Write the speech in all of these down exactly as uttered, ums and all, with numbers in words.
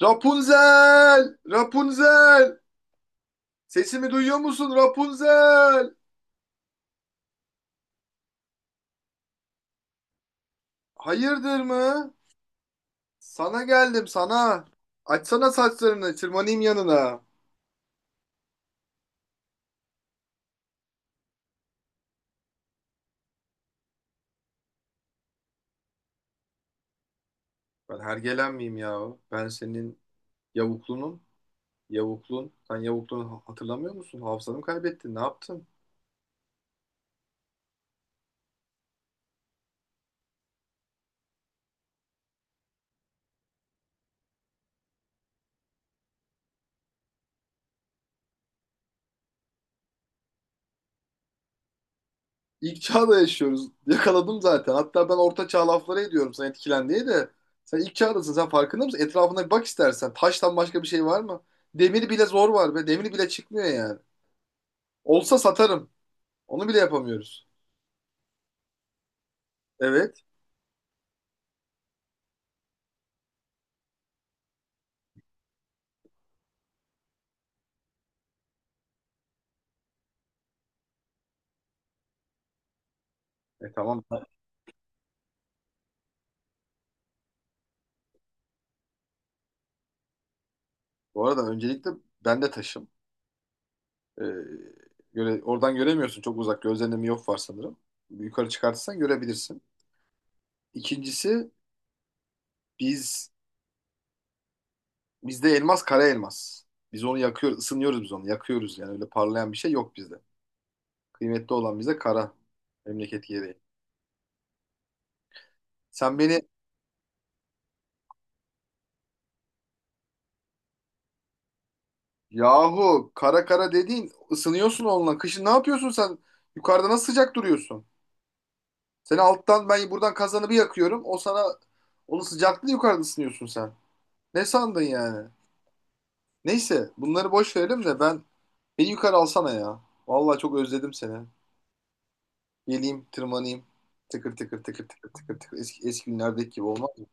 Rapunzel! Rapunzel! Sesimi duyuyor musun Rapunzel? Hayırdır mı? Sana geldim sana. Açsana saçlarını, tırmanayım yanına. Ben hergelen miyim ya? Ben senin yavuklunum. Yavuklun. Sen yavuklunu hatırlamıyor musun? Hafızanı mı kaybettin? Ne yaptın? İlk çağda yaşıyoruz. Yakaladım zaten. Hatta ben orta çağ lafları ediyorum sana etkilen diye de. Sen ilk çağdasın. Sen farkında mısın? Etrafına bir bak istersen. Taştan başka bir şey var mı? Demir bile zor var be. Demir bile çıkmıyor yani. Olsa satarım. Onu bile yapamıyoruz. Evet. E tamam. Bu arada öncelikle ben de taşım. Ee, göre, oradan göremiyorsun çok uzak. Gözlerinde miyop var sanırım. Yukarı çıkartırsan görebilirsin. İkincisi biz bizde elmas kara elmas. Biz onu yakıyoruz, ısınıyoruz biz onu. Yakıyoruz yani öyle parlayan bir şey yok bizde. Kıymetli olan bize kara. Memleket gereği. Sen beni yahu, kara kara dediğin ısınıyorsun onunla. Kışın ne yapıyorsun sen? Yukarıda nasıl sıcak duruyorsun? Seni alttan ben buradan kazanı bir yakıyorum. O sana onun sıcaklığı yukarıda ısınıyorsun sen. Ne sandın yani? Neyse bunları boş verelim de ben beni yukarı alsana ya. Vallahi çok özledim seni. Geleyim tırmanayım. Tıkır tıkır tıkır tıkır tıkır tıkır eski, eski günlerdeki gibi olmaz mı?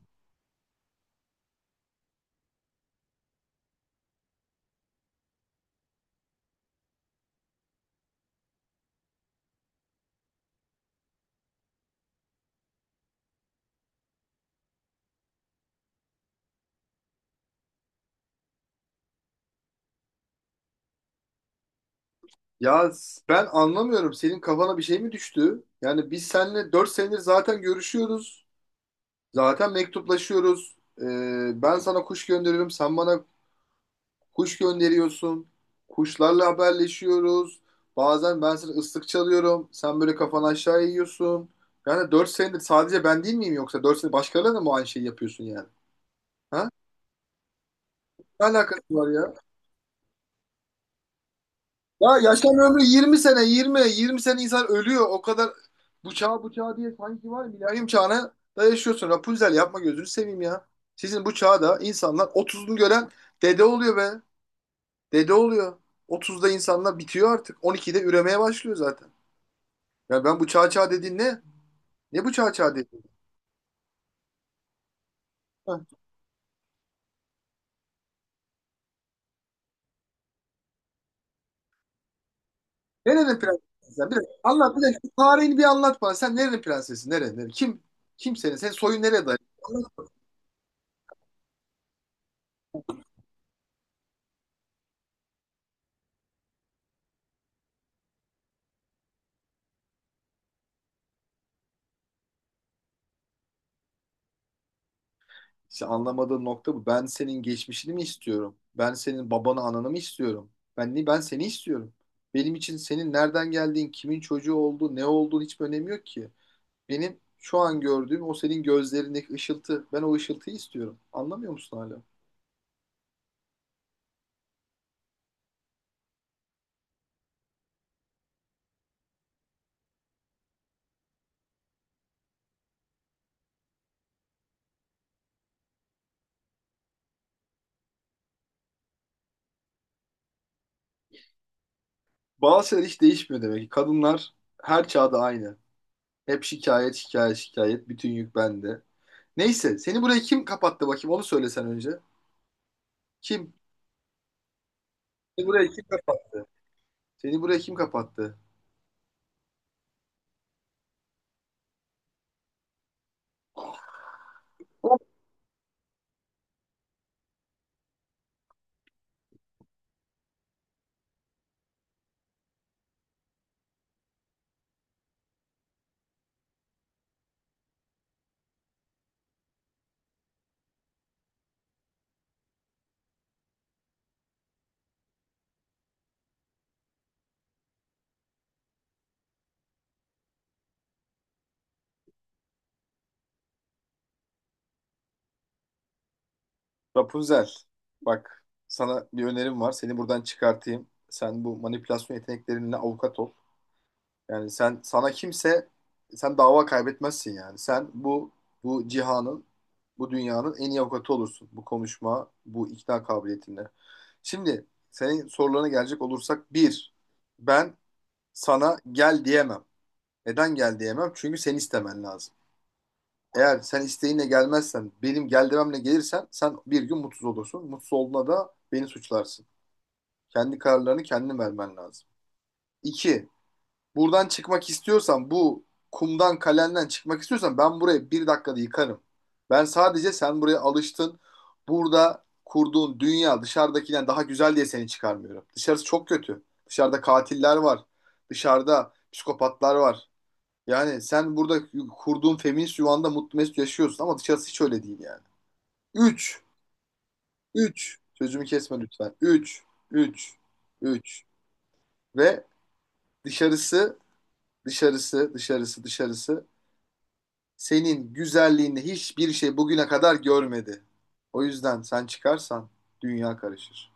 Ya s- ben anlamıyorum, senin kafana bir şey mi düştü? Yani biz seninle dört senedir zaten görüşüyoruz. Zaten mektuplaşıyoruz. Ee, ben sana kuş gönderiyorum. Sen bana Kuş gönderiyorsun. Kuşlarla haberleşiyoruz. Bazen ben sana ıslık çalıyorum. Sen böyle kafanı aşağı yiyorsun. Yani dört senedir sadece ben değil miyim yoksa? Dört senedir başkalarına da mı aynı şeyi yapıyorsun yani? Ha? Ne alakası var ya? Ya yaşam ömrü yirmi sene, yirmi yirmi sene insan ölüyor. O kadar. Bu çağ bu çağ diye sanki var. Milenyum çağına da yaşıyorsun. Rapunzel yapma, gözünü seveyim ya. Sizin bu çağda insanlar otuzunu gören dede oluyor be. Dede oluyor. Otuzda insanlar bitiyor artık. on ikide üremeye başlıyor zaten. Ya ben, bu çağ çağ dediğin ne? Ne bu çağ çağ dediğin? Ha. Nerenin prensesi sen? Bir dakika, anlat bir dakika. Şu tarihini bir anlat bana. Sen nerenin prensesi? Nere, nere? Kim? Kim senin? Senin soyun nereye dayanıyor? İşte anlamadığın nokta bu. Ben senin geçmişini mi istiyorum? Ben senin babanı ananı mı istiyorum? Ben ni ben seni istiyorum. Benim için senin nereden geldiğin, kimin çocuğu olduğu, ne olduğun hiç önemi yok ki. Benim şu an gördüğüm o senin gözlerindeki ışıltı. Ben o ışıltıyı istiyorum. Anlamıyor musun hala? Bazı şeyler hiç değişmiyor demek ki. Kadınlar her çağda aynı. Hep şikayet, şikayet, şikayet. Bütün yük bende. Neyse, seni buraya kim kapattı bakayım? Onu söylesen önce. Kim? Seni buraya kim kapattı? Seni buraya kim kapattı? Rapunzel. Bak, sana bir önerim var. Seni buradan çıkartayım. Sen bu manipülasyon yeteneklerinle avukat ol. Yani sen sana kimse sen dava kaybetmezsin yani. Sen bu bu cihanın, bu dünyanın en iyi avukatı olursun. Bu konuşma, bu ikna kabiliyetinle. Şimdi senin sorularına gelecek olursak bir, ben sana gel diyemem. Neden gel diyemem? Çünkü sen istemen lazım. Eğer sen isteğinle gelmezsen, benim gel dememle gelirsen sen bir gün mutsuz olursun. Mutsuz olduğuna da beni suçlarsın. Kendi kararlarını kendin vermen lazım. İki, buradan çıkmak istiyorsan, bu kumdan kalenden çıkmak istiyorsan ben burayı bir dakikada yıkarım. Ben sadece, sen buraya alıştın. Burada kurduğun dünya dışarıdakinden daha güzel diye seni çıkarmıyorum. Dışarısı çok kötü. Dışarıda katiller var. Dışarıda psikopatlar var. Yani sen burada kurduğun feminist yuvanda mutlu mesut yaşıyorsun ama dışarısı hiç öyle değil yani. Üç, üç. Sözümü kesme lütfen. Üç, üç, üç. Ve dışarısı, dışarısı, dışarısı, dışarısı senin güzelliğini hiçbir şey bugüne kadar görmedi. O yüzden sen çıkarsan dünya karışır.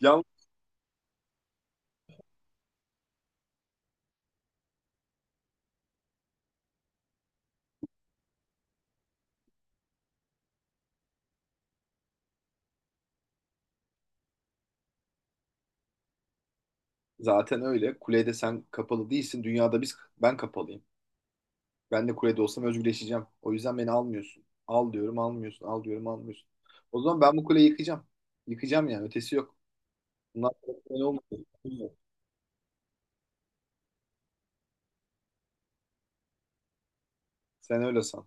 Yalnız zaten öyle. Kulede sen kapalı değilsin. Dünyada biz ben kapalıyım. Ben de kulede olsam özgürleşeceğim. O yüzden beni almıyorsun. Al diyorum almıyorsun. Al diyorum almıyorsun. O zaman ben bu kuleyi yıkacağım. Yıkacağım yani. Ötesi yok. Bunlar kolay olmadı. Sen öyle san.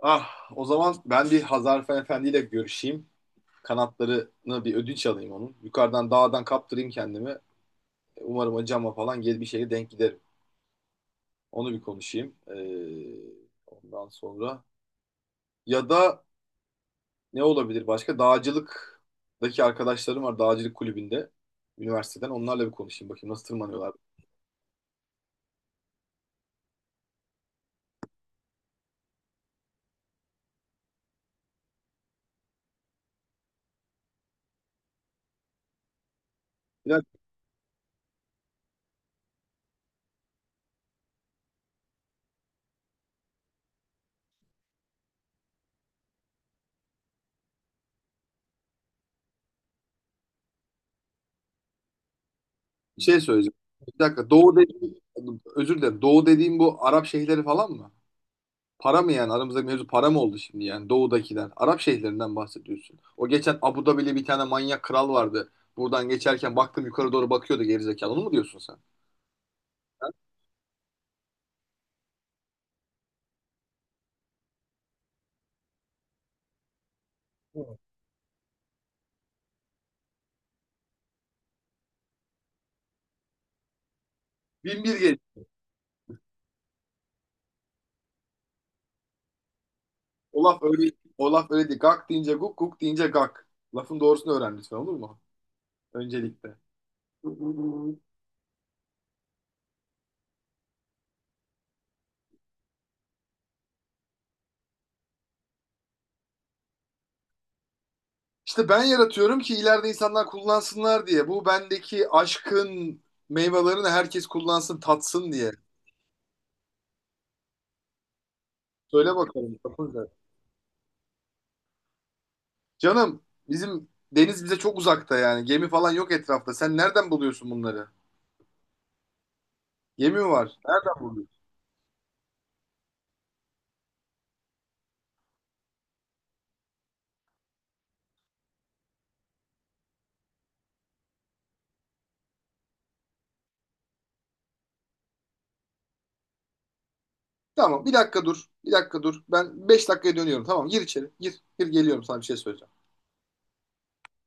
Ah, o zaman ben bir Hazar Efendi ile görüşeyim. Kanatlarını bir ödünç alayım onun. Yukarıdan dağdan kaptırayım kendimi. Umarım o cama falan gel bir şeye denk giderim. Onu bir konuşayım. Ee, ondan sonra ya da ne olabilir başka? Dağcılıktaki arkadaşlarım var, dağcılık kulübünde üniversiteden. Onlarla bir konuşayım bakayım nasıl tırmanıyorlar. Bir dakika, bir şey söyleyeceğim. Bir dakika, doğu dediğim, özür dilerim. Doğu dediğim bu Arap şehirleri falan mı? Para mı yani? Aramızdaki mevzu para mı oldu şimdi yani, Doğu'dakiler? Arap şehirlerinden bahsediyorsun. O geçen Abu Dhabi'li bir tane manyak kral vardı. Buradan geçerken baktım yukarı doğru bakıyordu gerizekalı. Onu mu diyorsun sen? Bin bir gel. O laf öyle, o laf öyle değil. Gak deyince guk, guk deyince gak. Lafın doğrusunu öğren lütfen, olur mu? Öncelikle. İşte ben yaratıyorum ki ileride insanlar kullansınlar diye. Bu bendeki aşkın meyvelerini herkes kullansın, tatsın diye. Söyle bakalım Tapunca. Canım bizim deniz bize çok uzakta yani. Gemi falan yok etrafta. Sen nereden buluyorsun bunları? Gemi mi var? Nereden buluyorsun? Tamam bir dakika dur. Bir dakika dur. Ben beş dakikaya dönüyorum. Tamam, gir içeri. Gir. Gir, geliyorum, sana bir şey söyleyeceğim.